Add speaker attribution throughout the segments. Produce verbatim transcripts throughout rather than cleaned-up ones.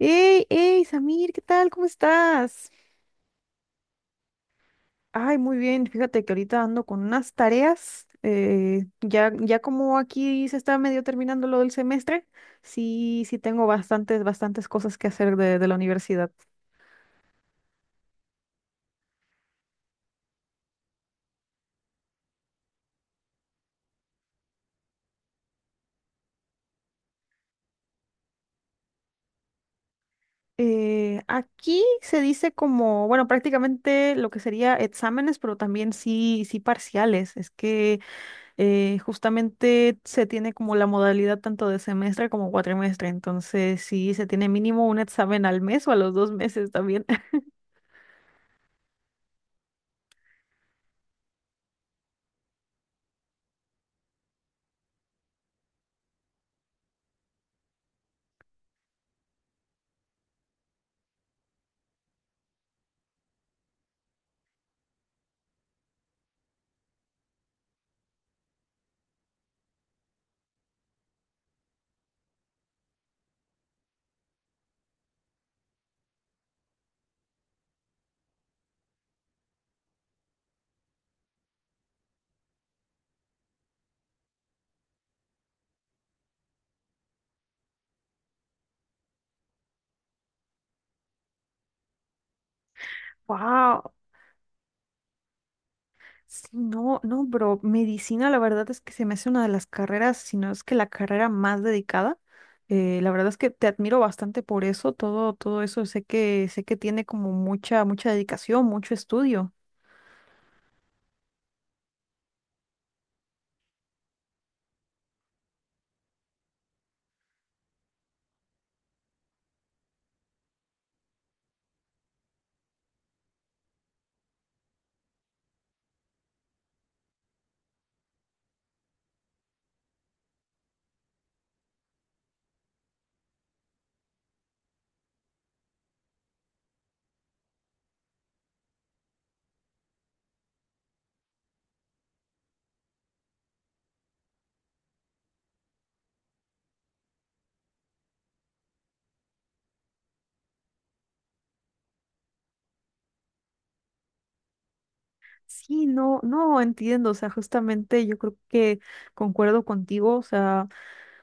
Speaker 1: Hey, hey, Samir, ¿qué tal? ¿Cómo estás? Ay, muy bien. Fíjate que ahorita ando con unas tareas. eh, ya, ya como aquí se está medio terminando lo del semestre, sí, sí tengo bastantes, bastantes cosas que hacer de, de la universidad. Eh, aquí se dice como, bueno, prácticamente lo que sería exámenes, pero también sí, sí parciales. Es que Eh, justamente se tiene como la modalidad tanto de semestre como cuatrimestre, entonces sí, se tiene mínimo un examen al mes o a los dos meses también. Wow. Sí, no, no, bro. Medicina, la verdad es que se me hace una de las carreras, si no es que la carrera más dedicada. Eh, la verdad es que te admiro bastante por eso, todo, todo eso sé que, sé que tiene como mucha, mucha dedicación, mucho estudio. Sí, no, no entiendo, o sea, justamente yo creo que concuerdo contigo, o sea,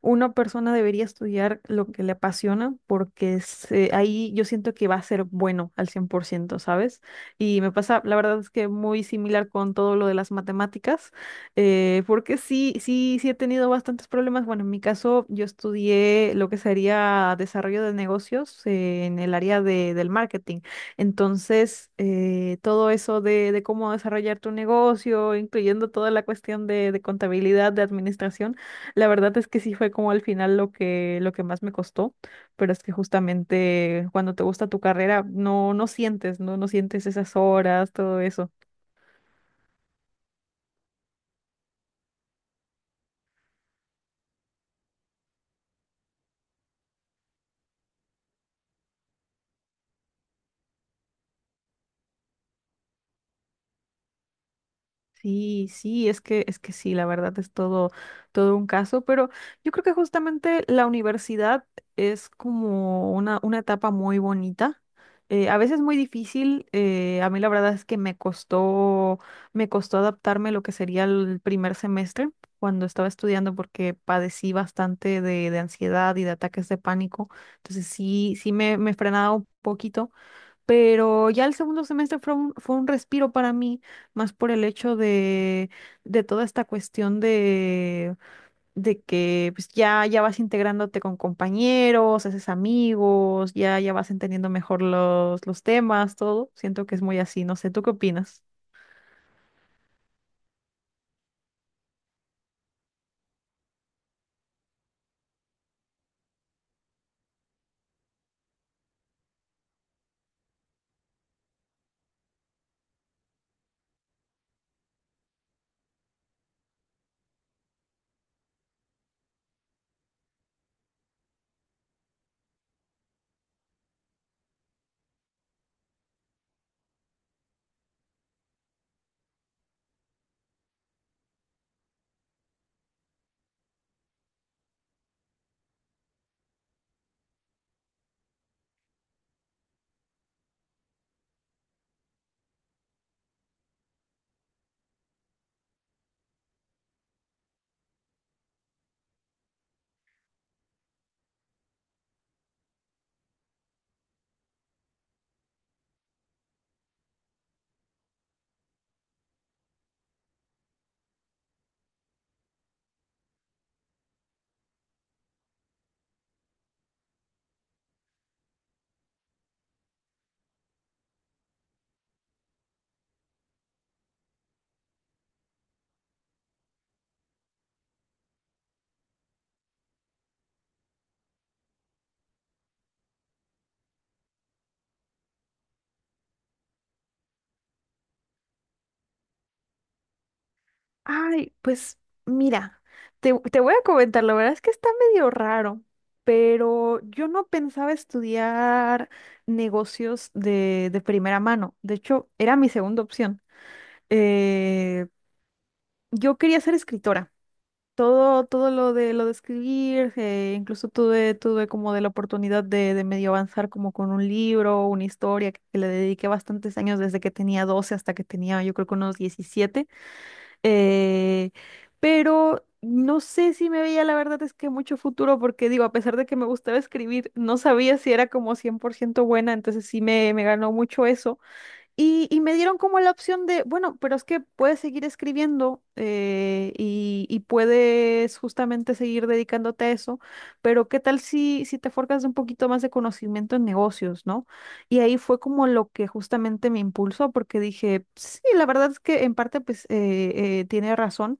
Speaker 1: una persona debería estudiar lo que le apasiona porque se- ahí yo siento que va a ser bueno al cien por ciento, ¿sabes? Y me pasa, la verdad es que muy similar con todo lo de las matemáticas, eh, porque sí, sí, sí he tenido bastantes problemas. Bueno, en mi caso yo estudié lo que sería desarrollo de negocios, eh, en el área de, del marketing. Entonces, eh, todo eso de, de cómo desarrollar tu negocio, incluyendo toda la cuestión de, de contabilidad, de administración. La verdad es que sí fue como al final lo que, lo que más me costó, pero es que justamente cuando te gusta tu carrera no, no sientes, no, no sientes esas horas, todo eso. Sí, sí, es que, es que sí, la verdad es todo, todo un caso, pero yo creo que justamente la universidad es como una, una etapa muy bonita. Eh, a veces muy difícil, eh, a mí la verdad es que me costó, me costó adaptarme a lo que sería el primer semestre cuando estaba estudiando porque padecí bastante de, de ansiedad y de ataques de pánico. Entonces sí, sí me, me frenaba un poquito, pero ya el segundo semestre fue un, fue un respiro para mí, más por el hecho de, de toda esta cuestión de, de que pues, ya, ya vas integrándote con compañeros, haces amigos, ya, ya vas entendiendo mejor los, los temas, todo. Siento que es muy así, no sé, ¿tú qué opinas? Ay, pues mira, te, te voy a comentar, la verdad es que está medio raro, pero yo no pensaba estudiar negocios de, de primera mano. De hecho, era mi segunda opción. Eh, yo quería ser escritora. Todo, todo lo de lo de escribir, eh, incluso tuve, tuve como de la oportunidad de, de medio avanzar como con un libro, una historia que, que le dediqué bastantes años desde que tenía doce hasta que tenía yo creo que unos diecisiete. Eh, pero no sé si me veía, la verdad es que mucho futuro, porque digo, a pesar de que me gustaba escribir, no sabía si era como cien por ciento buena, entonces sí me, me ganó mucho eso. Y, y me dieron como la opción de, bueno, pero es que puedes seguir escribiendo eh, y, y puedes justamente seguir dedicándote a eso, pero ¿qué tal si, si te forjas de un poquito más de conocimiento en negocios, ¿no? Y ahí fue como lo que justamente me impulsó porque dije, sí, la verdad es que en parte pues eh, eh, tiene razón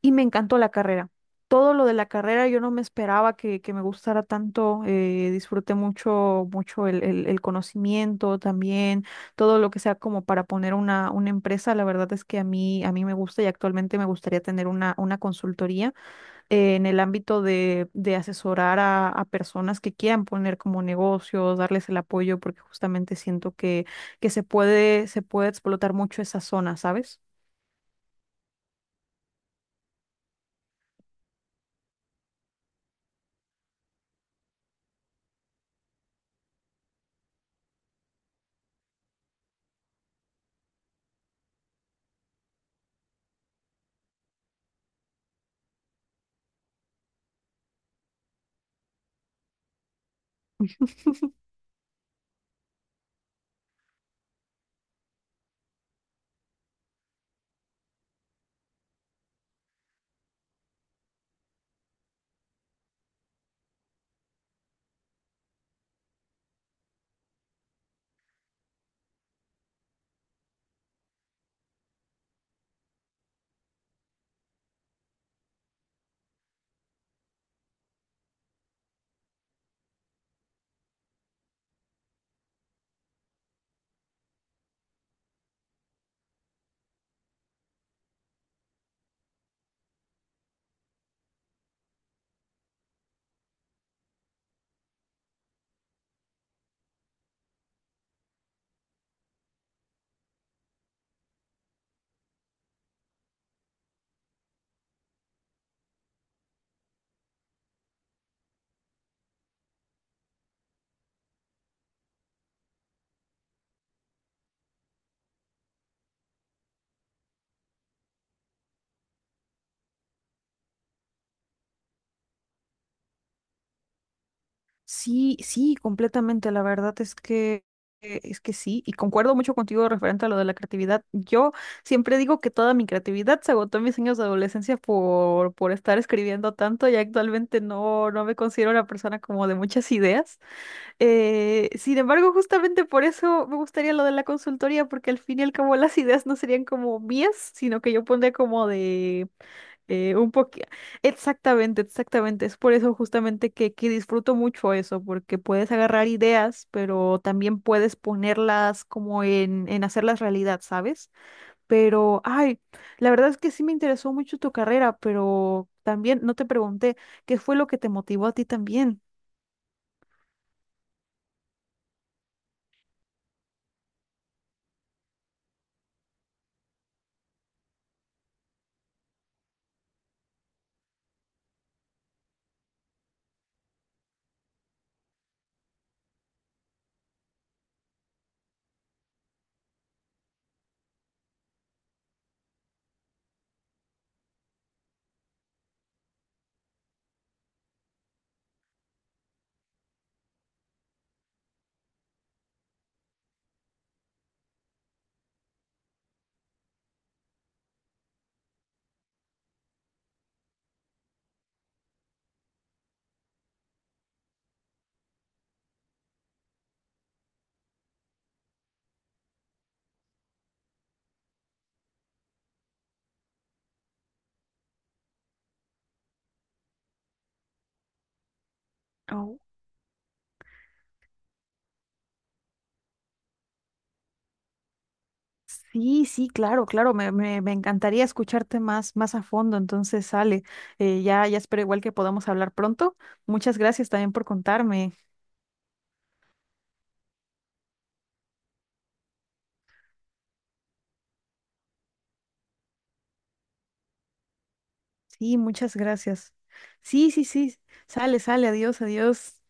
Speaker 1: y me encantó la carrera. Todo lo de la carrera yo no me esperaba que, que me gustara tanto. Eh, disfruté mucho, mucho el, el- el conocimiento también, todo lo que sea como para poner una, una empresa. La verdad es que a mí, a mí me gusta y actualmente me gustaría tener una, una consultoría, eh, en el ámbito de, de asesorar a, a personas que quieran poner como negocios, darles el apoyo, porque justamente siento que, que se puede, se puede explotar mucho esa zona, ¿sabes? Sí, sí, completamente. La verdad es que es que sí, y concuerdo mucho contigo referente a lo de la creatividad. Yo siempre digo que toda mi creatividad se agotó en mis años de adolescencia por, por estar escribiendo tanto y actualmente no, no me considero una persona como de muchas ideas. Eh, sin embargo, justamente por eso me gustaría lo de la consultoría, porque al fin y al cabo las ideas no serían como mías, sino que yo pondría como de eh, un poquito. Exactamente, exactamente. Es por eso justamente que, que disfruto mucho eso, porque puedes agarrar ideas, pero también puedes ponerlas como en, en hacerlas realidad, ¿sabes? Pero, ay, la verdad es que sí me interesó mucho tu carrera, pero también no te pregunté qué fue lo que te motivó a ti también. Oh. Sí, sí, claro, claro, me, me, me encantaría escucharte más, más a fondo, entonces sale, eh, ya, ya espero igual que podamos hablar pronto. Muchas gracias también por contarme. Sí, muchas gracias. Sí, sí, sí, sale, sale, adiós, adiós.